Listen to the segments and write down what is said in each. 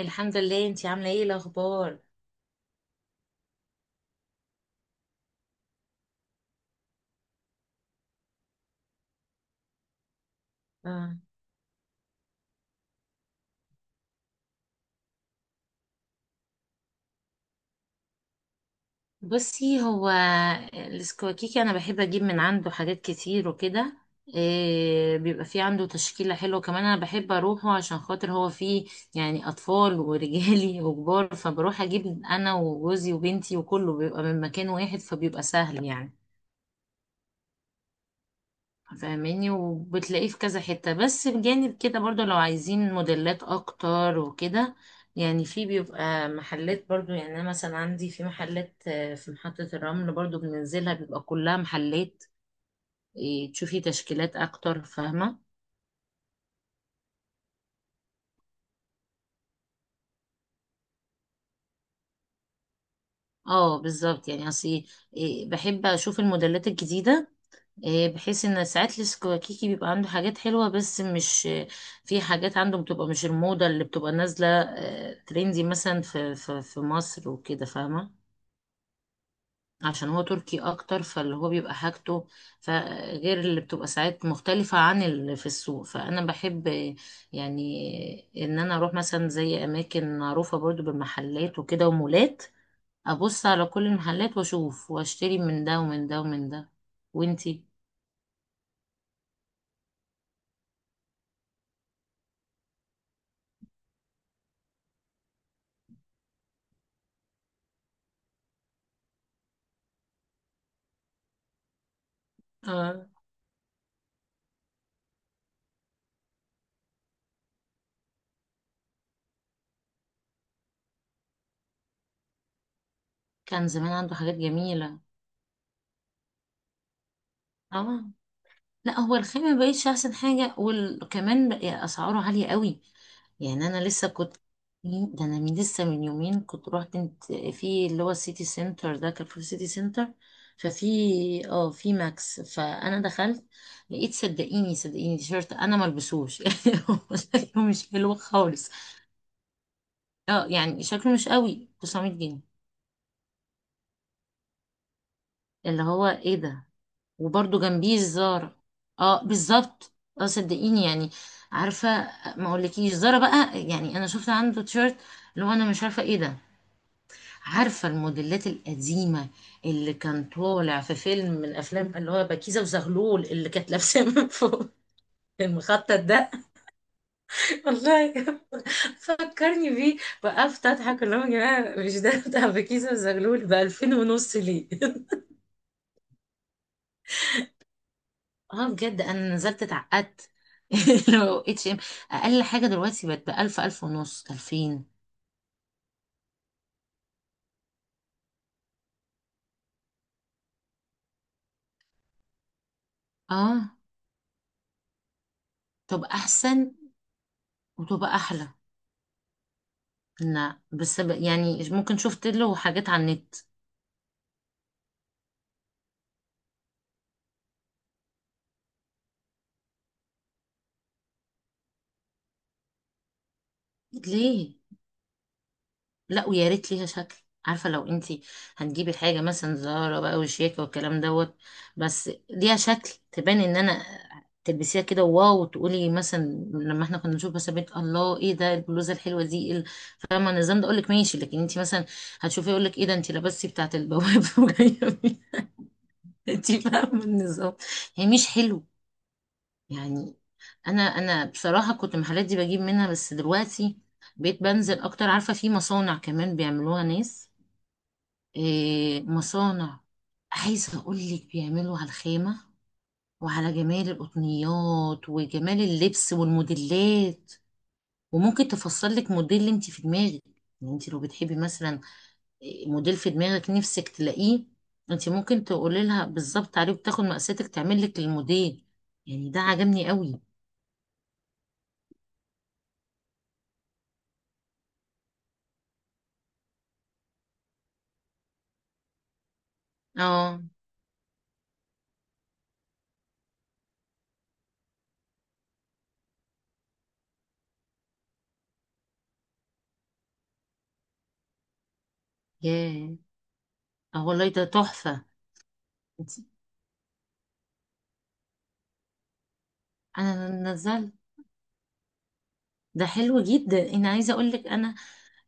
الحمد لله، انتي عامله ايه الاخبار؟ آه. بصي، هو السكواكيكي انا بحب اجيب من عنده حاجات كتير وكده. بيبقى في عنده تشكيله حلوه، كمان انا بحب اروحه عشان خاطر هو فيه يعني اطفال ورجالي وكبار، فبروح اجيب انا وجوزي وبنتي وكله بيبقى من مكان واحد، فبيبقى سهل يعني، فاهماني؟ وبتلاقيه في كذا حتة. بس بجانب كده برضو، لو عايزين موديلات اكتر وكده يعني، في بيبقى محلات برضو. يعني انا مثلا عندي في محلات في محطة الرمل برضو بننزلها، بيبقى كلها محلات تشوفي تشكيلات اكتر، فاهمة. اه بالظبط، يعني اصل بحب اشوف الموديلات الجديدة. بحيث ان ساعات السكواكيكي بيبقى عنده حاجات حلوه بس مش، في حاجات عنده بتبقى مش الموضه اللي بتبقى نازله، ترندي مثلا في مصر وكده، فاهمه. عشان هو تركي اكتر، فاللي هو بيبقى حاجته، فغير اللي بتبقى ساعات مختلفه عن اللي في السوق. فانا بحب ان انا اروح مثلا زي اماكن معروفه برضو بالمحلات وكده ومولات، ابص على كل المحلات واشوف واشتري من ده ومن ده ومن ده. وانتي؟ كان زمان عنده حاجات جميلة. اه، لا هو الخامة مبقتش احسن حاجة، وكمان بقى اسعاره عالية قوي. يعني انا لسه كنت، ده انا من لسه من يومين كنت رحت انت في اللي هو السيتي سنتر ده، كان في السيتي سنتر. ففي، اه في ماكس، فانا دخلت لقيت، صدقيني صدقيني تيشيرت انا ملبسوش يعني. هو شكله مش حلو خالص. اه يعني شكله مش قوي، 900 جنيه. اللي هو ايه ده؟ وبرضو جنبيه الزارة. اه بالظبط. اه صدقيني يعني. عارفة، ما اقولكيش زارة بقى. يعني انا شفت عنده تيشيرت، اللي هو انا مش عارفة ايه ده. عارفة الموديلات القديمة اللي كان طالع في فيلم من افلام اللي هو بكيزة وزغلول، اللي كانت لابسة من فوق المخطط ده. والله فكرني بيه، وقفت اضحك. اللي هو يا جماعة، مش ده بتاع بكيزة وزغلول؟ ب 2000 ونص ليه؟ اه بجد انا نزلت اتعقدت. لو اتش ام، اقل حاجه دلوقتي بقت بألف، ألف ونص، ألفين. اه تبقى احسن، وتبقى احلى. لا بس يعني ممكن شفت له حاجات على النت. ليه؟ لا ويا ريت ليها شكل. عارفه، لو انتي هتجيبي حاجه مثلا زهره بقى وشياكه والكلام دوت، بس ليها شكل تبان ان انا تلبسيها كده واو، وتقولي مثلا، لما احنا كنا نشوف مثلا بنت، الله ايه ده البلوزه الحلوه دي؟ فاهمه النظام ده؟ اقول لك ماشي. لكن انتي مثلا هتشوفي، يقول لك ايه ده انتي لبستي بتاعه البواب وجايه بيه. انتي فاهمه النظام، هي مش حلو يعني. انا بصراحه كنت المحلات دي بجيب منها، بس دلوقتي بقيت بنزل اكتر. عارفه، في مصانع كمان بيعملوها ناس، مصانع. عايزة أقولك، بيعملوا على الخامة وعلى جمال القطنيات وجمال اللبس والموديلات، وممكن تفصلك موديل انت في دماغك. يعني انت لو بتحبي مثلا موديل في دماغك نفسك تلاقيه، انت ممكن تقولي لها بالظبط عليه وتاخد مقاساتك، تعمل لك الموديل. يعني ده عجبني قوي. اه. ياه، اه والله ده تحفة. انت- انا نزلت، ده حلو جدا، انا عايزة اقولك انا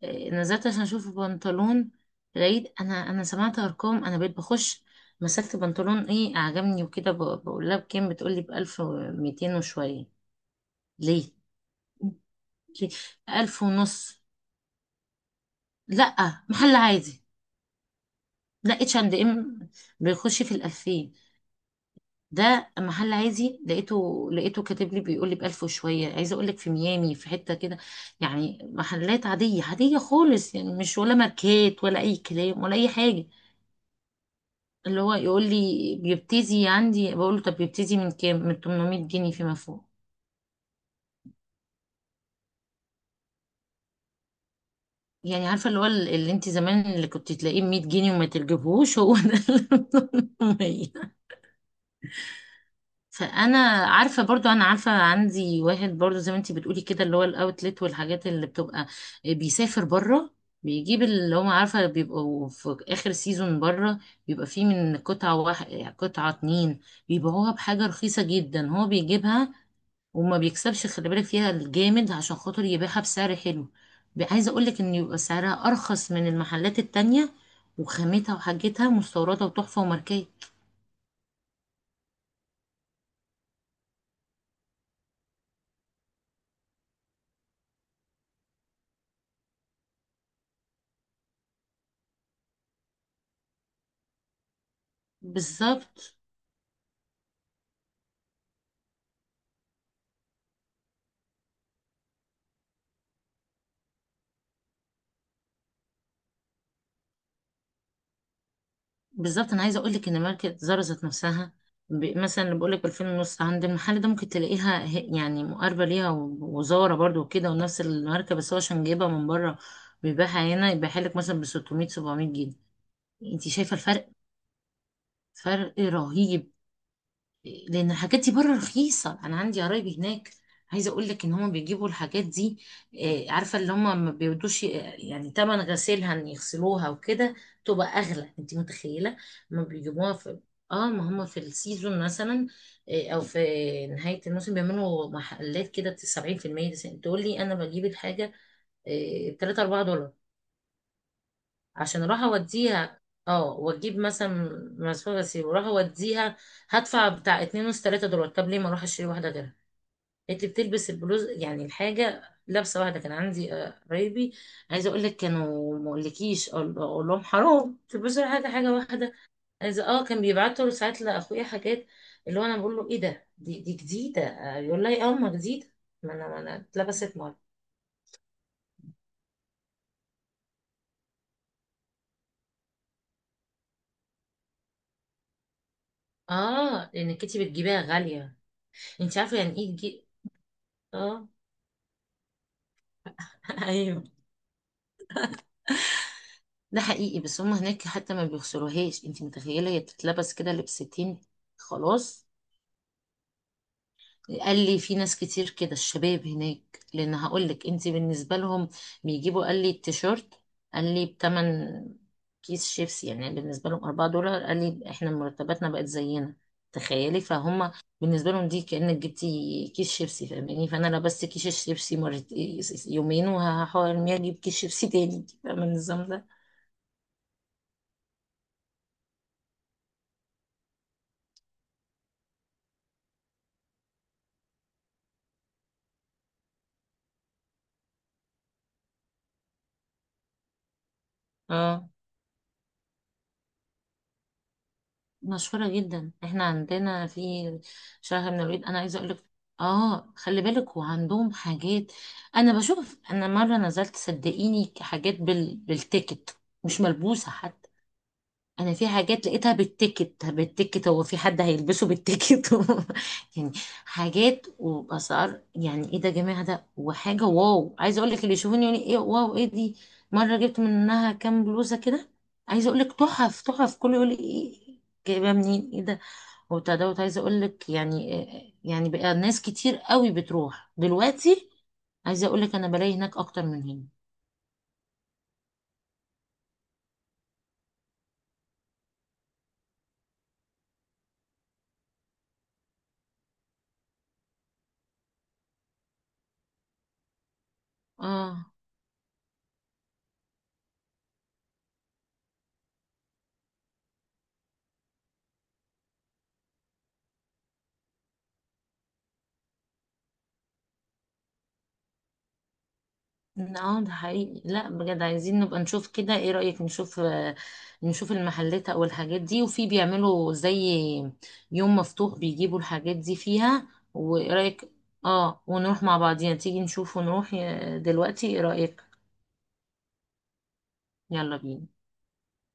نزلت عشان اشوف بنطلون. لقيت، انا سمعت ارقام انا بقيت بخش. مسكت بنطلون ايه عجبني وكده، بقول لها بكام؟ بتقولي بألف وميتين وشوية. ليه؟ ليه؟ ألف ونص؟ لأ محل عادي. لا اتش اند ام بيخش في الألفين، ده محل عادي. لقيته كاتب لي، بيقول لي بألف وشوية. عايزة أقول لك، في ميامي في حتة كده، يعني محلات عادية عادية خالص، يعني مش ولا ماركات ولا أي كلام ولا أي حاجة، اللي هو يقول لي بيبتدي عندي. بقول له طب بيبتدي من كام؟ من 800 جنيه فيما فوق. يعني عارفه اللي هو اللي انت زمان اللي كنت تلاقيه ب 100 جنيه وما تجيبهوش، هو ده اللي ب 800. فانا عارفه برضو، انا عارفه عندي واحد برضو زي ما انت بتقولي كده، اللي هو الاوتلت، والحاجات اللي بتبقى، بيسافر بره، بيجيب اللي هم عارفه بيبقوا في اخر سيزون بره، بيبقى فيه من قطعه واحد، قطعه اتنين، بيبيعوها بحاجه رخيصه جدا. هو بيجيبها وما بيكسبش، خلي بالك فيها، الجامد، عشان خاطر يبيعها بسعر حلو. عايزه اقول لك ان يبقى سعرها ارخص من المحلات التانية، وخامتها وحاجتها مستورده وتحفه وماركات. بالظبط. بالظبط، انا عايزه اقول لك ان ماركه زارا ذات نفسها، مثلا اللي بقول لك ب 2000 ونص عند المحل ده، ممكن تلاقيها يعني مقاربه ليها، وزاره برضو وكده، ونفس الماركه. بس هو عشان جايبها من بره، بيبيعها هنا، يبيعها لك مثلا ب 600 700 جنيه. انت شايفه الفرق؟ فرق رهيب. لان الحاجات دي بره رخيصه. انا عندي قرايبي هناك، عايزه اقول لك ان هم بيجيبوا الحاجات دي، عارفه اللي هم ما بيودوش، يعني تمن غسيلها، ان يغسلوها وكده تبقى اغلى، انت متخيله؟ ما بيجيبوها في، اه ما هم في السيزون مثلا، او في نهايه الموسم، بيعملوا محلات كده 70%. تقول لي انا بجيب الحاجه 3 4 دولار عشان اروح اوديها. اه واجيب مثلا مسافه غسيل واروح اوديها، هدفع بتاع اتنين ونص تلاتة دولار. طب ليه ما اروح اشتري واحده غيرها؟ انت بتلبس البلوز، يعني الحاجه، لابسه واحده. كان عندي قرايبي، عايزه اقول لك، كانوا ما اقولكيش، أقول لهم حرام تلبسوا حاجه، حاجه واحده. عايزه اه، كان بيبعتوا ساعات لاخويا حاجات، اللي هو انا بقول له ايه ده؟ دي جديده؟ يقول لي اه ما جديده، ما انا اتلبست مره. اه لانك انت بتجيبيها غاليه، انت عارفه يعني ايه تجيب. اه ايوه ده حقيقي. بس هم هناك حتى ما بيغسلوهاش، انت متخيله؟ هي بتتلبس كده لبستين خلاص. قال لي في ناس كتير كده، الشباب هناك، لان هقول لك انت بالنسبه لهم، بيجيبوا قال لي التيشيرت، قال لي بتمن كيس شيبسي. يعني بالنسبه لهم 4 دولار، قال لي احنا مرتباتنا بقت زينا، تخيلي. فهم بالنسبه لهم دي كانك جبتي كيس شيبسي، فاهماني؟ فانا لبست كيس الشيبسي مرت يومين، وهحاول ارميه اجيب كيس شيبسي تاني. فاهمه النظام ده؟ اه مشهورة جدا، احنا عندنا في شهر من العيد. انا عايزة اقولك، اه خلي بالك، وعندهم حاجات. انا بشوف، انا مرة نزلت صدقيني حاجات بالتيكت، مش ملبوسة حتى. انا في حاجات لقيتها بالتيكت. بالتيكت، هو في حد هيلبسه بالتيكت؟ يعني حاجات وبأسعار، يعني ايه ده يا جماعه؟ ده وحاجه واو، عايزه اقول لك اللي يشوفوني يقول ايه واو، ايه دي؟ مره جبت منها كام بلوزه كده، عايزه اقول لك تحف تحف، كله يقول لي ايه، جايبها منين؟ ايه ده؟ وبتاع دوت، عايزه اقول لك يعني، يعني بقى ناس كتير قوي بتروح دلوقتي. عايزه اقول لك انا بلاقي هناك اكتر من هنا. اه. اه ده حقيقي. لا بجد عايزين نبقى نشوف كده، ايه رأيك نشوف نشوف المحلات او الحاجات دي، وفي بيعملوا زي يوم مفتوح بيجيبوا الحاجات دي فيها، وايه رأيك؟ اه، ونروح مع بعضينا. تيجي نشوف ونروح دلوقتي، ايه رأيك؟ يلا بينا.